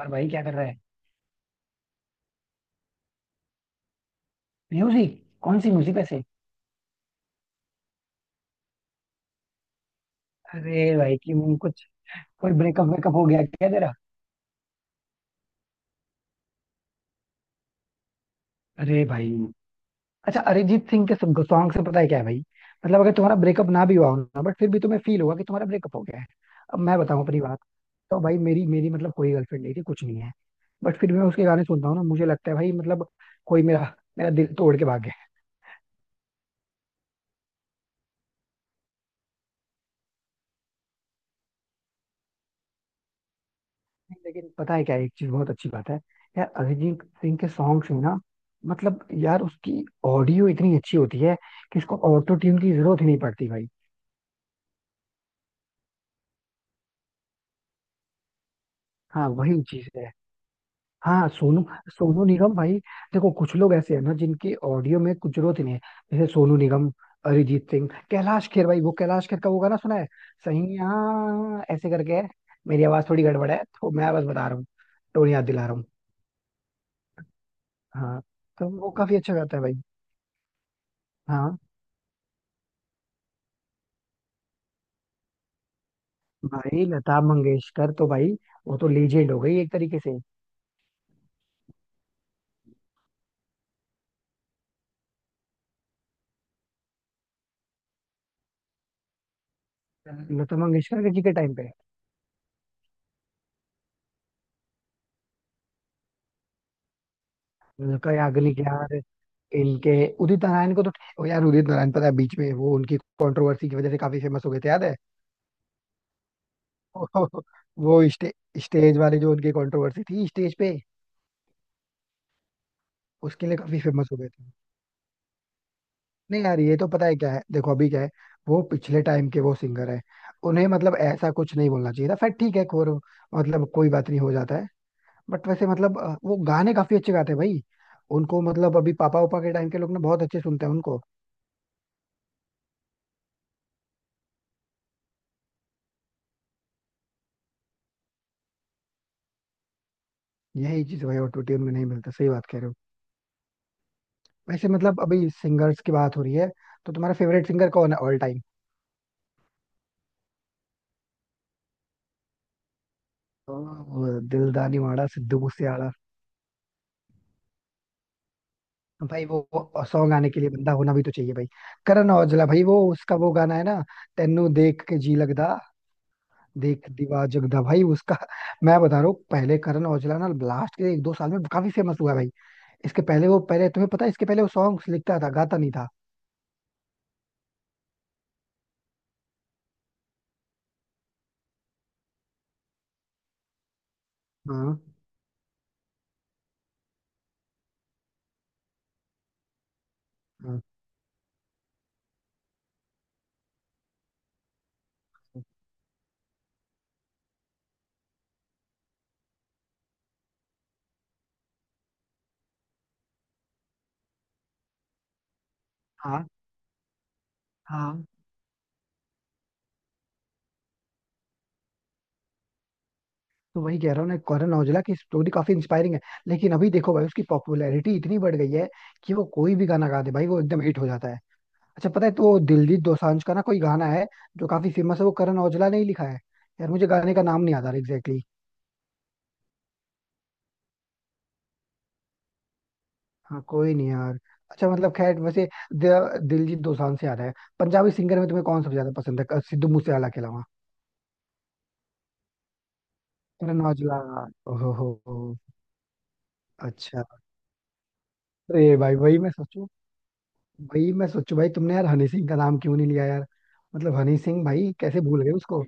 और भाई क्या कर रहा है। म्यूजिक कौन सी म्यूजिक वैसे। अरे भाई क्यों कुछ, कोई ब्रेकअप वेकअप हो गया क्या तेरा। अरे भाई, अच्छा अरिजीत सिंह के सॉन्ग से पता है क्या है भाई, मतलब अगर तुम्हारा ब्रेकअप ना भी हुआ हो ना बट फिर भी तुम्हें फील होगा कि तुम्हारा ब्रेकअप हो गया है। अब मैं बताऊं अपनी बात, तो भाई मेरी मेरी मतलब कोई गर्लफ्रेंड नहीं थी कुछ नहीं है। बट फिर भी मैं उसके गाने सुनता हूँ ना, मुझे लगता है भाई मतलब कोई मेरा मेरा दिल तोड़ के भाग गया। नहीं, लेकिन पता है क्या, एक चीज बहुत अच्छी बात है यार अरिजीत सिंह के सॉन्ग्स में ना, मतलब यार उसकी ऑडियो इतनी अच्छी होती है कि इसको ऑटो ट्यून की जरूरत ही नहीं पड़ती भाई। हाँ वही चीज है। हाँ सोनू, सोनू निगम भाई। देखो कुछ लोग ऐसे हैं ना जिनके ऑडियो में कुछ जरूरत ही नहीं है, जैसे सोनू निगम, अरिजीत सिंह, कैलाश खेर। भाई वो कैलाश खेर का वो गाना सुना है, सही, हाँ ऐसे करके है। मेरी आवाज थोड़ी गड़बड़ है तो मैं बस बता रहा हूँ, टोन याद दिला रहा हूँ। हाँ, तो वो काफी अच्छा गाता है भाई। हाँ भाई, लता मंगेशकर तो भाई, वो तो लीजेंड हो गई एक तरीके से। लता मंगेशकर जी के टाइम पे उनका याग्निक यार, इनके उदित नारायण को तो, ओ यार उदित नारायण पता है, बीच में वो उनकी कंट्रोवर्सी की वजह से काफी फेमस हो गए थे, याद है। वो स्टे, स्टेज वाली जो उनकी कंट्रोवर्सी थी स्टेज पे, उसके लिए काफी फेमस हो गए थे। नहीं यार, ये तो पता है क्या है, देखो अभी क्या है, वो पिछले टाइम के वो सिंगर है, उन्हें मतलब ऐसा कुछ नहीं बोलना चाहिए था, फिर ठीक है खोर, मतलब कोई बात नहीं, हो जाता है। बट वैसे मतलब वो गाने काफी अच्छे गाते हैं भाई, उनको मतलब अभी पापा उपा के टाइम के लोग ना बहुत अच्छे सुनते हैं उनको। यही चीज भाई, ऑटो ट्यून में नहीं मिलता, सही बात कह रहे हो। वैसे मतलब अभी सिंगर्स की बात हो रही है, तो तुम्हारा फेवरेट सिंगर कौन है ऑल टाइम। वो दिलदानी वाड़ा सिद्धू मूसेवाला। भाई वो सॉन्ग गाने के लिए बंदा होना भी तो चाहिए भाई। करण औजला, भाई वो उसका वो गाना है ना, तेनू देख के जी लगदा, देख दीवा जगदा, भाई उसका। मैं बता रहा हूँ, पहले करण औजला ना लास्ट के एक दो साल में काफी फेमस हुआ है भाई। इसके पहले वो, पहले तुम्हें पता है, इसके पहले वो सॉन्ग्स लिखता था, गाता नहीं था। हाँ, हाँ। हाँ हाँ। तो वही कह रहा हूँ ना, करण औजला की स्टोरी काफी इंस्पायरिंग है। लेकिन अभी देखो भाई, उसकी पॉपुलैरिटी इतनी बढ़ गई है कि वो कोई भी गाना गा दे भाई, वो एकदम हिट हो जाता है। अच्छा पता है, तो दिलजीत दोसांझ का ना कोई गाना है जो काफी फेमस है, वो करण औजला ने ही लिखा है। यार मुझे गाने का नाम नहीं याद आ रहा एग्जैक्टली। हाँ कोई नहीं यार। अच्छा मतलब खैर वैसे, दिलजीत दोसांझ से आ रहा है, पंजाबी सिंगर में तुम्हें कौन सबसे ज्यादा पसंद है सिद्धू मूसेवाला के अलावा। करण औजला। ओहो हो, अच्छा। अरे भाई वही मैं सोचू, वही मैं सोचू भाई, तुमने यार हनी सिंह का नाम क्यों नहीं लिया यार, मतलब हनी सिंह भाई कैसे भूल गए उसको।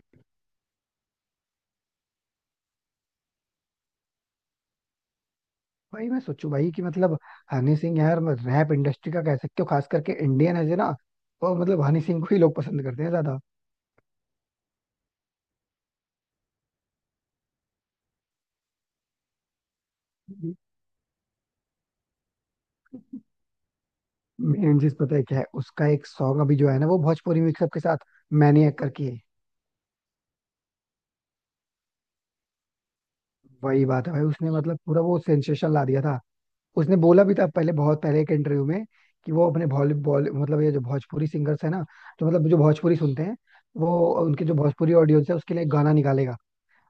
भाई मैं सोचू भाई कि मतलब हनी सिंह यार, रैप इंडस्ट्री का कह सकते हो खास करके, इंडियन है ना, तो मतलब हनी सिंह को ही लोग पसंद करते हैं ज्यादा। मेन चीज पता है क्या है, उसका एक सॉन्ग अभी जो है ना वो भोजपुरी मिक्सअप के साथ मैनिएक करके है। वही बात है भाई, उसने मतलब पूरा वो सेंसेशन ला दिया था। उसने बोला भी था पहले, बहुत पहले एक इंटरव्यू में, कि वो अपने बॉली बॉली मतलब ये जो भोजपुरी सिंगर्स है ना, तो मतलब जो भोजपुरी सुनते हैं, वो उनके जो भोजपुरी ऑडियंस है उसके लिए गाना निकालेगा,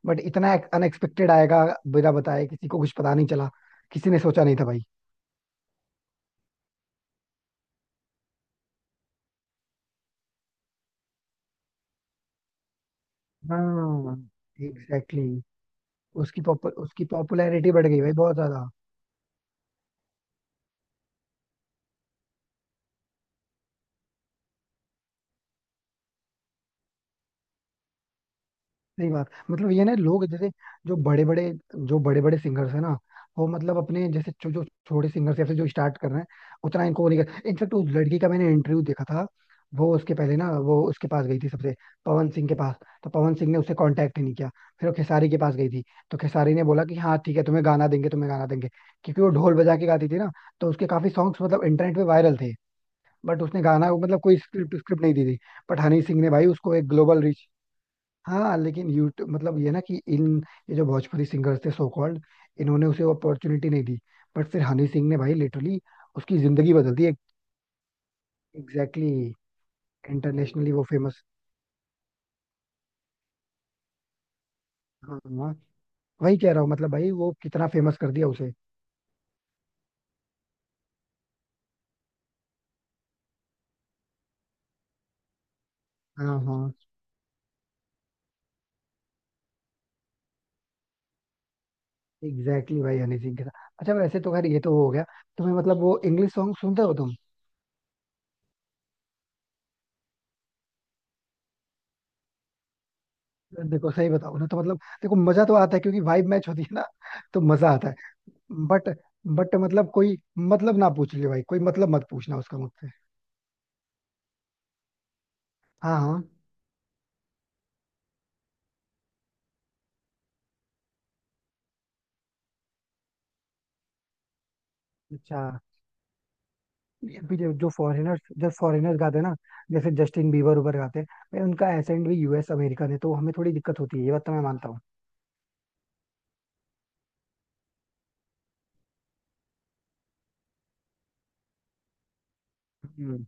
बट इतना अनएक्सपेक्टेड आएगा, बिना बताए किसी को कुछ पता नहीं चला, किसी ने सोचा नहीं था भाई। हाँ एग्जैक्टली, exactly. उसकी पॉपुलैरिटी बढ़ गई भाई बहुत ज्यादा। सही बात, मतलब ये ना लोग, जैसे जो बड़े बड़े जो बड़े बड़े सिंगर्स हैं ना, वो मतलब अपने जैसे जो जो छोटे सिंगर्स या फिर जो स्टार्ट कर रहे हैं, उतना इनको वो नहीं कर, इनफेक्ट उस लड़की का मैंने इंटरव्यू देखा था, वो उसके पहले ना वो उसके पास गई थी सबसे, पवन सिंह के पास, तो पवन सिंह ने उससे कांटेक्ट ही नहीं किया। फिर वो खेसारी के पास गई थी, तो खेसारी ने बोला कि हाँ ठीक है, तुम्हें गाना देंगे, तुम्हें गाना देंगे, क्योंकि वो ढोल बजा के गाती थी ना, तो उसके काफी सॉन्ग्स मतलब इंटरनेट पे वायरल थे। बट उसने गाना मतलब कोई स्क्रिप्ट स्क्रिप्ट नहीं दी थी। बट हनी सिंह ने भाई उसको एक ग्लोबल रीच। हाँ लेकिन यूट्यूब मतलब ये ना कि इन, ये जो भोजपुरी सिंगर्स थे सो कॉल्ड, इन्होंने उसे अपॉर्चुनिटी नहीं दी, बट फिर हनी सिंह ने भाई लिटरली उसकी जिंदगी बदल दी। एग्जैक्टली। इंटरनेशनली वो फेमस। हाँ हाँ, वही कह रहा हूँ मतलब भाई वो कितना फेमस कर दिया उसे। हाँ हाँ। एग्जैक्टली भाई, हनी सिंह के साथ। अच्छा वैसे तो खैर ये तो हो गया, तुम्हें मतलब वो इंग्लिश सॉन्ग सुनते हो तुम। देखो सही बताओ ना, तो मतलब देखो मजा तो आता है, क्योंकि वाइब मैच होती है ना, तो मजा आता है, बट बट मतलब कोई मतलब ना पूछ ले भाई, कोई मतलब मत पूछना उसका मुझसे। हाँ हाँ। अच्छा ये भी जो, जो फॉरेनर्स गाते हैं ना, जैसे जस्टिन बीबर उबर गाते हैं भाई, उनका एसेंट भी यूएस अमेरिकन है, तो हमें थोड़ी दिक्कत होती है, ये बात तो मैं मानता हूँ। हम्म।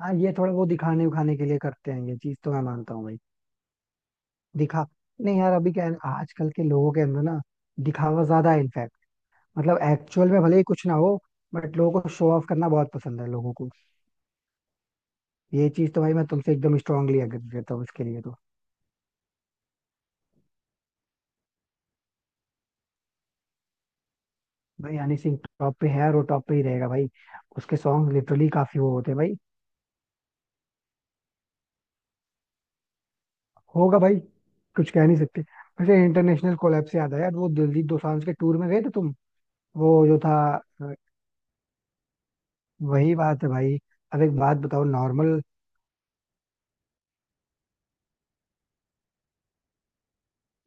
हाँ ये थोड़ा वो दिखाने उखाने के लिए करते हैं, ये चीज तो मैं मानता हूँ भाई। दिखा नहीं यार अभी क्या है ना, आजकल के लोगों के अंदर ना दिखावा ज्यादा है इनफैक्ट, मतलब एक्चुअल में भले ही कुछ ना हो, बट लोगों को शो ऑफ करना बहुत पसंद है लोगों को। ये चीज तो भाई मैं तुमसे एकदम स्ट्रांगली एग्री करता हूँ इसके लिए तो। भाई हनी सिंह टॉप पे है, और वो टॉप पे ही रहेगा भाई। उसके सॉन्ग लिटरली काफी वो होते हैं भाई। होगा भाई, कुछ कह नहीं सकते। वैसे इंटरनेशनल कोलैब से याद आया, वो दिलजीत दोसांझ के टूर में गए थे तुम, वो जो था। अ, वही बात है भाई। अब एक बात बताओ नॉर्मल।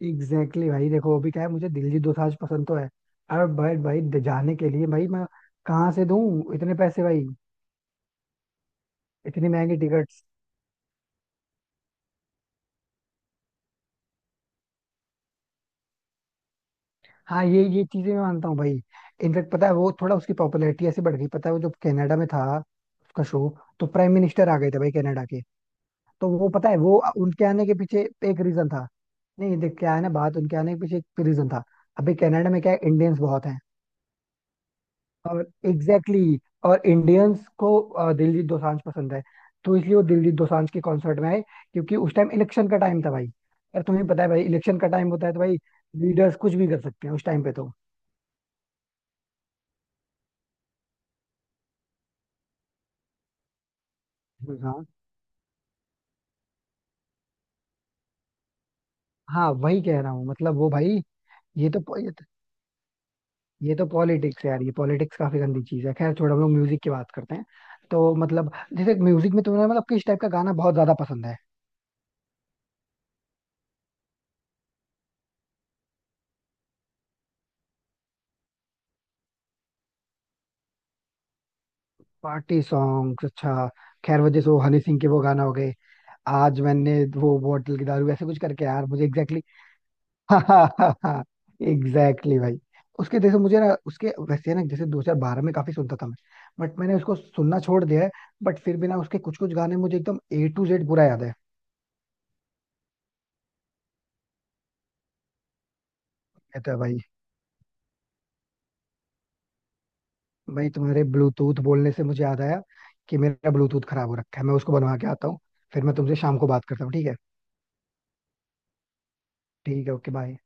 एग्जैक्टली भाई, देखो अभी क्या है, मुझे दिलजीत दोसांझ पसंद तो है, अब भाई, जाने के लिए भाई मैं कहाँ से दूं इतने पैसे भाई, इतनी महंगी टिकट। हाँ ये चीजें मैं मानता हूँ भाई। इनफेक्ट पता है वो थोड़ा उसकी पॉपुलैरिटी ऐसे बढ़ गई, पता है वो जब कनाडा में था उसका शो, तो प्राइम मिनिस्टर आ गए थे भाई कनाडा के। तो वो पता है, वो उनके आने के पीछे एक रीजन था। नहीं देख क्या है ना, बात उनके आने के पीछे एक रीजन था, अभी कनाडा में क्या है इंडियंस बहुत हैं, और एग्जैक्टली, exactly, और इंडियंस को दिलजीत दोसांझ पसंद है, तो इसलिए वो दिलजीत दोसांझ के कॉन्सर्ट में आए, क्योंकि उस टाइम इलेक्शन का टाइम था भाई, और तुम्हें पता है भाई इलेक्शन का टाइम होता है तो भाई लीडर्स कुछ भी कर सकते हैं उस टाइम पे तो। हाँ हाँ, वही कह रहा हूँ मतलब वो भाई, ये तो पो- ये तो, ये तो पॉलिटिक्स है यार, ये पॉलिटिक्स काफी गंदी चीज है, खैर छोड़ो, हम लोग म्यूजिक की बात करते हैं। तो मतलब जैसे म्यूजिक में तुम्हें मतलब किस टाइप का गाना बहुत ज्यादा पसंद है। पार्टी सॉन्ग, अच्छा, खैर वो जैसे वो हनी सिंह के वो गाना हो गए, आज मैंने वो बोतल की दारू ऐसे कुछ करके यार, मुझे एग्जैक्टली हाँ, एग्जैक्टली भाई। उसके जैसे मुझे ना उसके वैसे ना, जैसे 2012 में काफी सुनता था मैं, बट मैंने उसको सुनना छोड़ दिया है, बट फिर भी ना उसके कुछ कुछ गाने मुझे एकदम A to Z पूरा याद है। ये तो है भाई। भाई तुम्हारे ब्लूटूथ बोलने से मुझे याद आया कि मेरा ब्लूटूथ खराब हो रखा है, मैं उसको बनवा के आता हूँ, फिर मैं तुमसे शाम को बात करता हूँ, ठीक है। ठीक है, ओके बाय।